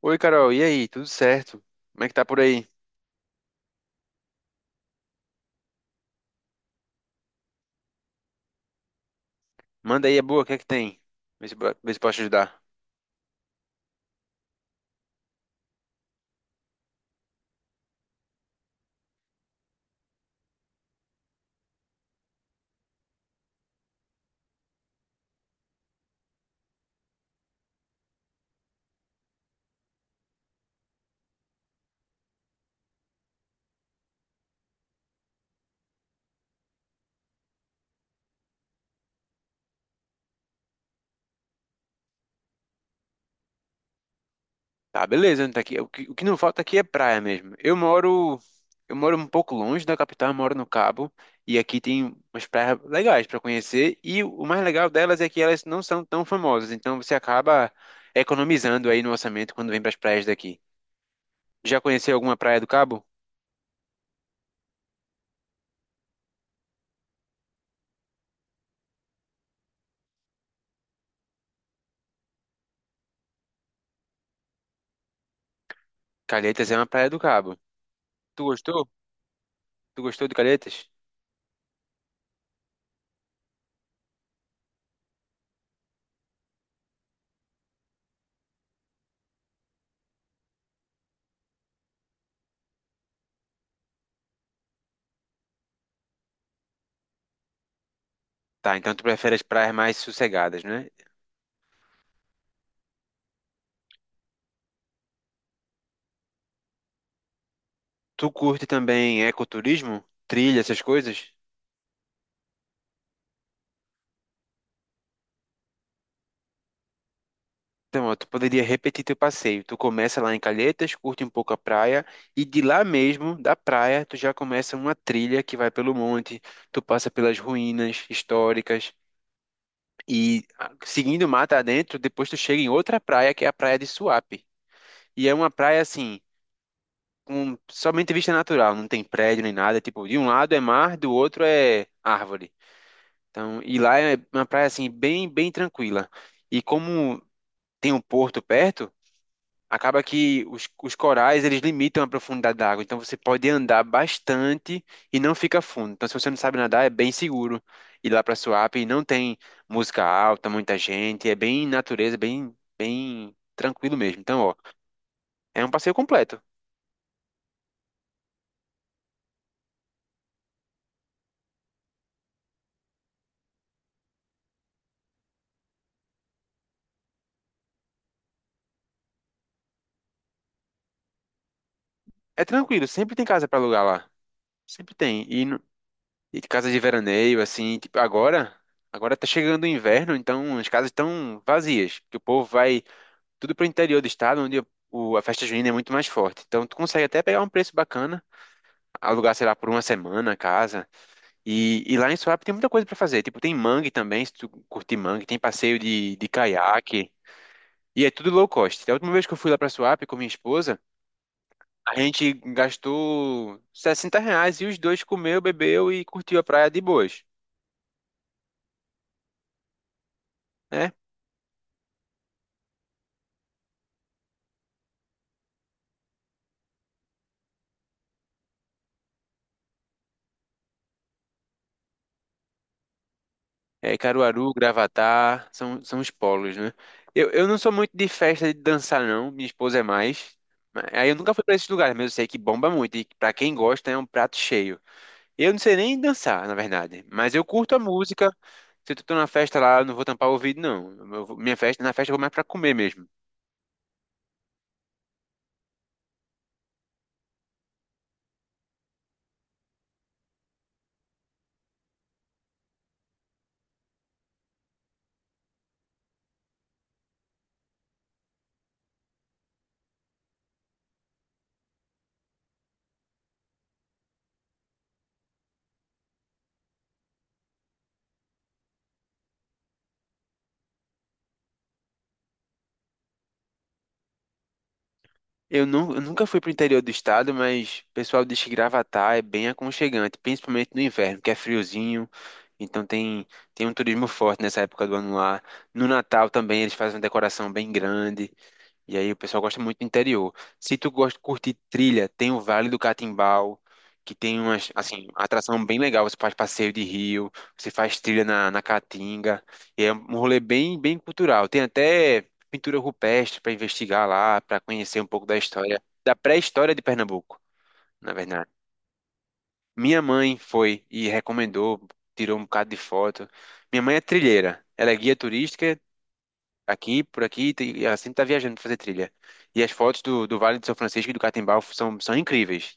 Oi, Carol, e aí? Tudo certo? Como é que tá por aí? Manda aí, é boa, o que é que tem? Vê se, vê se posso te ajudar. Tá, beleza, então tá aqui. O que não falta aqui é praia mesmo. Eu moro um pouco longe da capital, eu moro no Cabo, e aqui tem umas praias legais pra conhecer, e o mais legal delas é que elas não são tão famosas, então você acaba economizando aí no orçamento quando vem pras praias daqui. Já conheceu alguma praia do Cabo? Calhetas é uma praia do Cabo. Tu gostou? Tu gostou de Calhetas? Tá, então tu prefere as praias mais sossegadas, né? Tu curte também ecoturismo? Trilha, essas coisas? Então, ó, tu poderia repetir teu passeio. Tu começa lá em Calhetas, curte um pouco a praia, e de lá mesmo, da praia, tu já começa uma trilha que vai pelo monte, tu passa pelas ruínas históricas, e ah, seguindo mata adentro, depois tu chega em outra praia, que é a praia de Suape. E é uma praia assim, com somente vista natural, não tem prédio nem nada. Tipo, de um lado é mar, do outro é árvore. Então, e lá é uma praia assim bem bem tranquila. E como tem um porto perto, acaba que os corais eles limitam a profundidade da água. Então você pode andar bastante e não fica fundo. Então se você não sabe nadar é bem seguro ir lá para Suape. Não tem música alta, muita gente. É bem natureza, bem bem tranquilo mesmo. Então ó, é um passeio completo. É tranquilo. Sempre tem casa para alugar lá. Sempre tem. E casa de veraneio, assim, tipo, agora tá chegando o inverno, então as casas estão vazias, que o povo vai tudo pro interior do estado, onde a festa junina é muito mais forte. Então tu consegue até pegar um preço bacana, alugar, sei lá, por uma semana a casa. E lá em Suape tem muita coisa pra fazer, tipo, tem mangue também, se tu curtir mangue, tem passeio de caiaque, e é tudo low cost. A última vez que eu fui lá pra Suape com minha esposa, a gente gastou R$60 e os dois comeu, bebeu e curtiu a praia de boas, né? É, Caruaru, Gravatá, são os polos, né? Eu não sou muito de festa de dançar, não. Minha esposa é mais. Aí eu nunca fui pra esses lugares, mas eu sei que bomba muito. E pra quem gosta, é um prato cheio. Eu não sei nem dançar, na verdade. Mas eu curto a música. Se eu tô numa festa lá, eu não vou tampar o ouvido, não. Eu vou- minha festa, na festa eu vou mais pra comer mesmo. Eu nunca fui pro interior do estado, mas o pessoal diz que Gravatá é bem aconchegante, principalmente no inverno, que é friozinho, então tem um turismo forte nessa época do ano lá. No Natal também eles fazem uma decoração bem grande. E aí o pessoal gosta muito do interior. Se tu gosta de curtir trilha, tem o Vale do Catimbau, que tem assim, uma atração bem legal. Você faz passeio de rio, você faz trilha na Caatinga. E é um rolê bem, bem cultural. Tem até pintura rupestre para investigar lá, para conhecer um pouco da história, da pré-história de Pernambuco, na verdade. Minha mãe foi e recomendou, tirou um bocado de foto. Minha mãe é trilheira. Ela é guia turística aqui, por aqui, ela sempre tá viajando pra fazer trilha. E as fotos do Vale de São Francisco e do Catimbau são incríveis.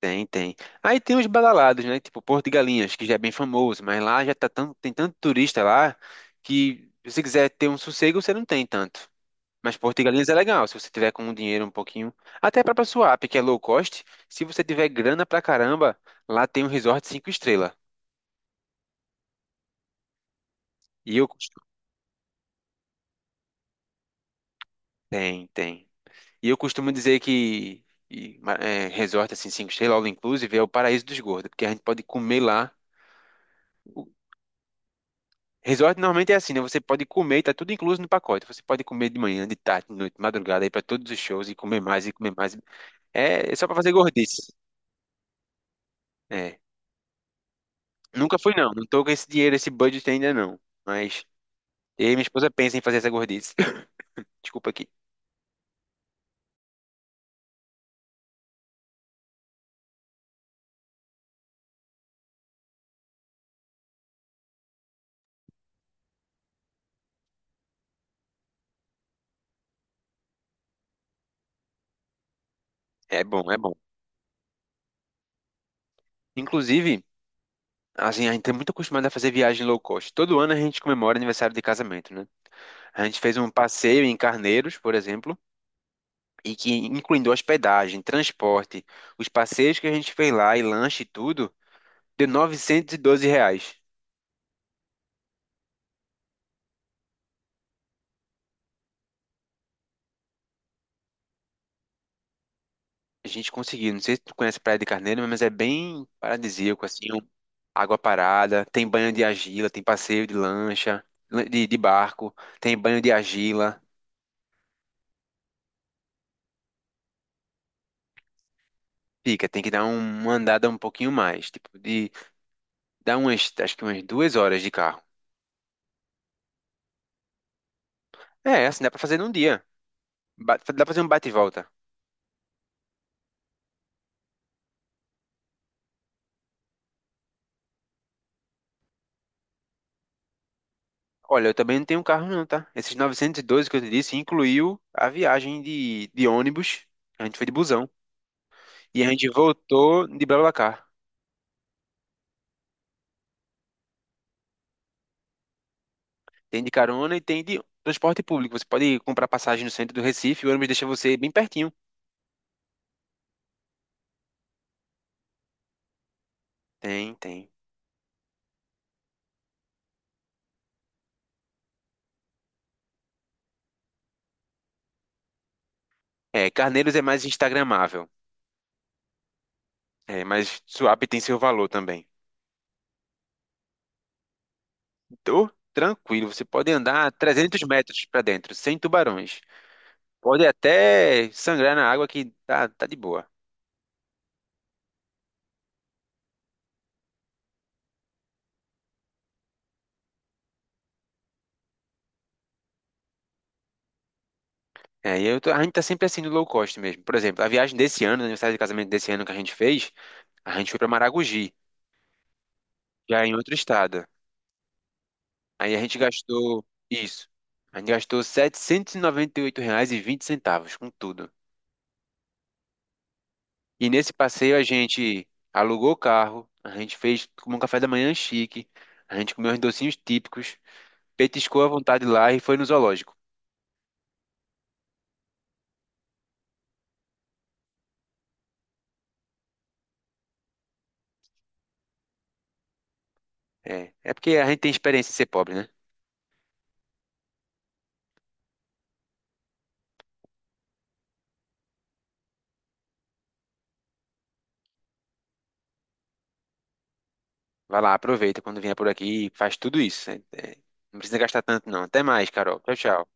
Tem, tem. Aí tem os badalados, né? Tipo Porto de Galinhas, que já é bem famoso, mas lá já tá tem tanto turista lá que se você quiser ter um sossego, você não tem tanto. Mas Porto de Galinhas é legal, se você tiver com um dinheiro um pouquinho. Até a própria Suape, que é low cost, se você tiver grana pra caramba, lá tem um resort cinco estrelas. E eu. Tem, tem. E eu costumo dizer que resort assim, cinco estrelas, all inclusive, é o paraíso dos gordos, porque a gente pode comer lá. O resort normalmente é assim, né? Você pode comer, tá tudo incluso no pacote. Você pode comer de manhã, de tarde, de noite, de madrugada, ir pra todos os shows e comer mais e comer mais. É só pra fazer gordice. É. Nunca fui, não. Não tô com esse dinheiro, esse budget ainda, não. Mas eu e minha esposa pensa em fazer essa gordice. Desculpa aqui. É bom, é bom. Inclusive, assim, a gente é muito acostumado a fazer viagem low cost. Todo ano a gente comemora aniversário de casamento, né? A gente fez um passeio em Carneiros, por exemplo, e que incluindo hospedagem, transporte, os passeios que a gente fez lá e lanche e tudo, deu R$912. A gente conseguiu. Não sei se tu conhece a Praia de Carneiro, mas é bem paradisíaco, assim, água parada, tem banho de argila, tem passeio de lancha, de barco, tem banho de argila. Fica, tem que dar uma andada um pouquinho mais, tipo, de dar acho que umas 2 horas de carro. É, assim, dá pra fazer num dia. Dá pra fazer um bate e volta. Olha, eu também não tenho carro não, tá? Esses 912 que eu te disse incluiu a viagem de ônibus. A gente foi de busão. E a gente voltou de BlaBlaCar. Tem de carona e tem de transporte público. Você pode comprar passagem no centro do Recife, o ônibus deixa você bem pertinho. Tem, tem. É, Carneiros é mais instagramável. É, mas Suape tem seu valor também. Então, tranquilo, você pode andar 300 metros pra dentro, sem tubarões. Pode até sangrar na água que tá de boa. É, a gente tá sempre assim no low cost mesmo. Por exemplo, a viagem desse ano, o aniversário de casamento desse ano que a gente fez, a gente foi pra Maragogi, já em outro estado. Aí a gente gastou isso. A gente gastou R$ 798,20 com tudo. E nesse passeio a gente alugou o carro, a gente fez um café da manhã chique, a gente comeu uns docinhos típicos, petiscou à vontade lá e foi no zoológico. É porque a gente tem experiência em ser pobre, né? Vai lá, aproveita quando vier por aqui e faz tudo isso. É, não precisa gastar tanto, não. Até mais, Carol. Tchau, tchau.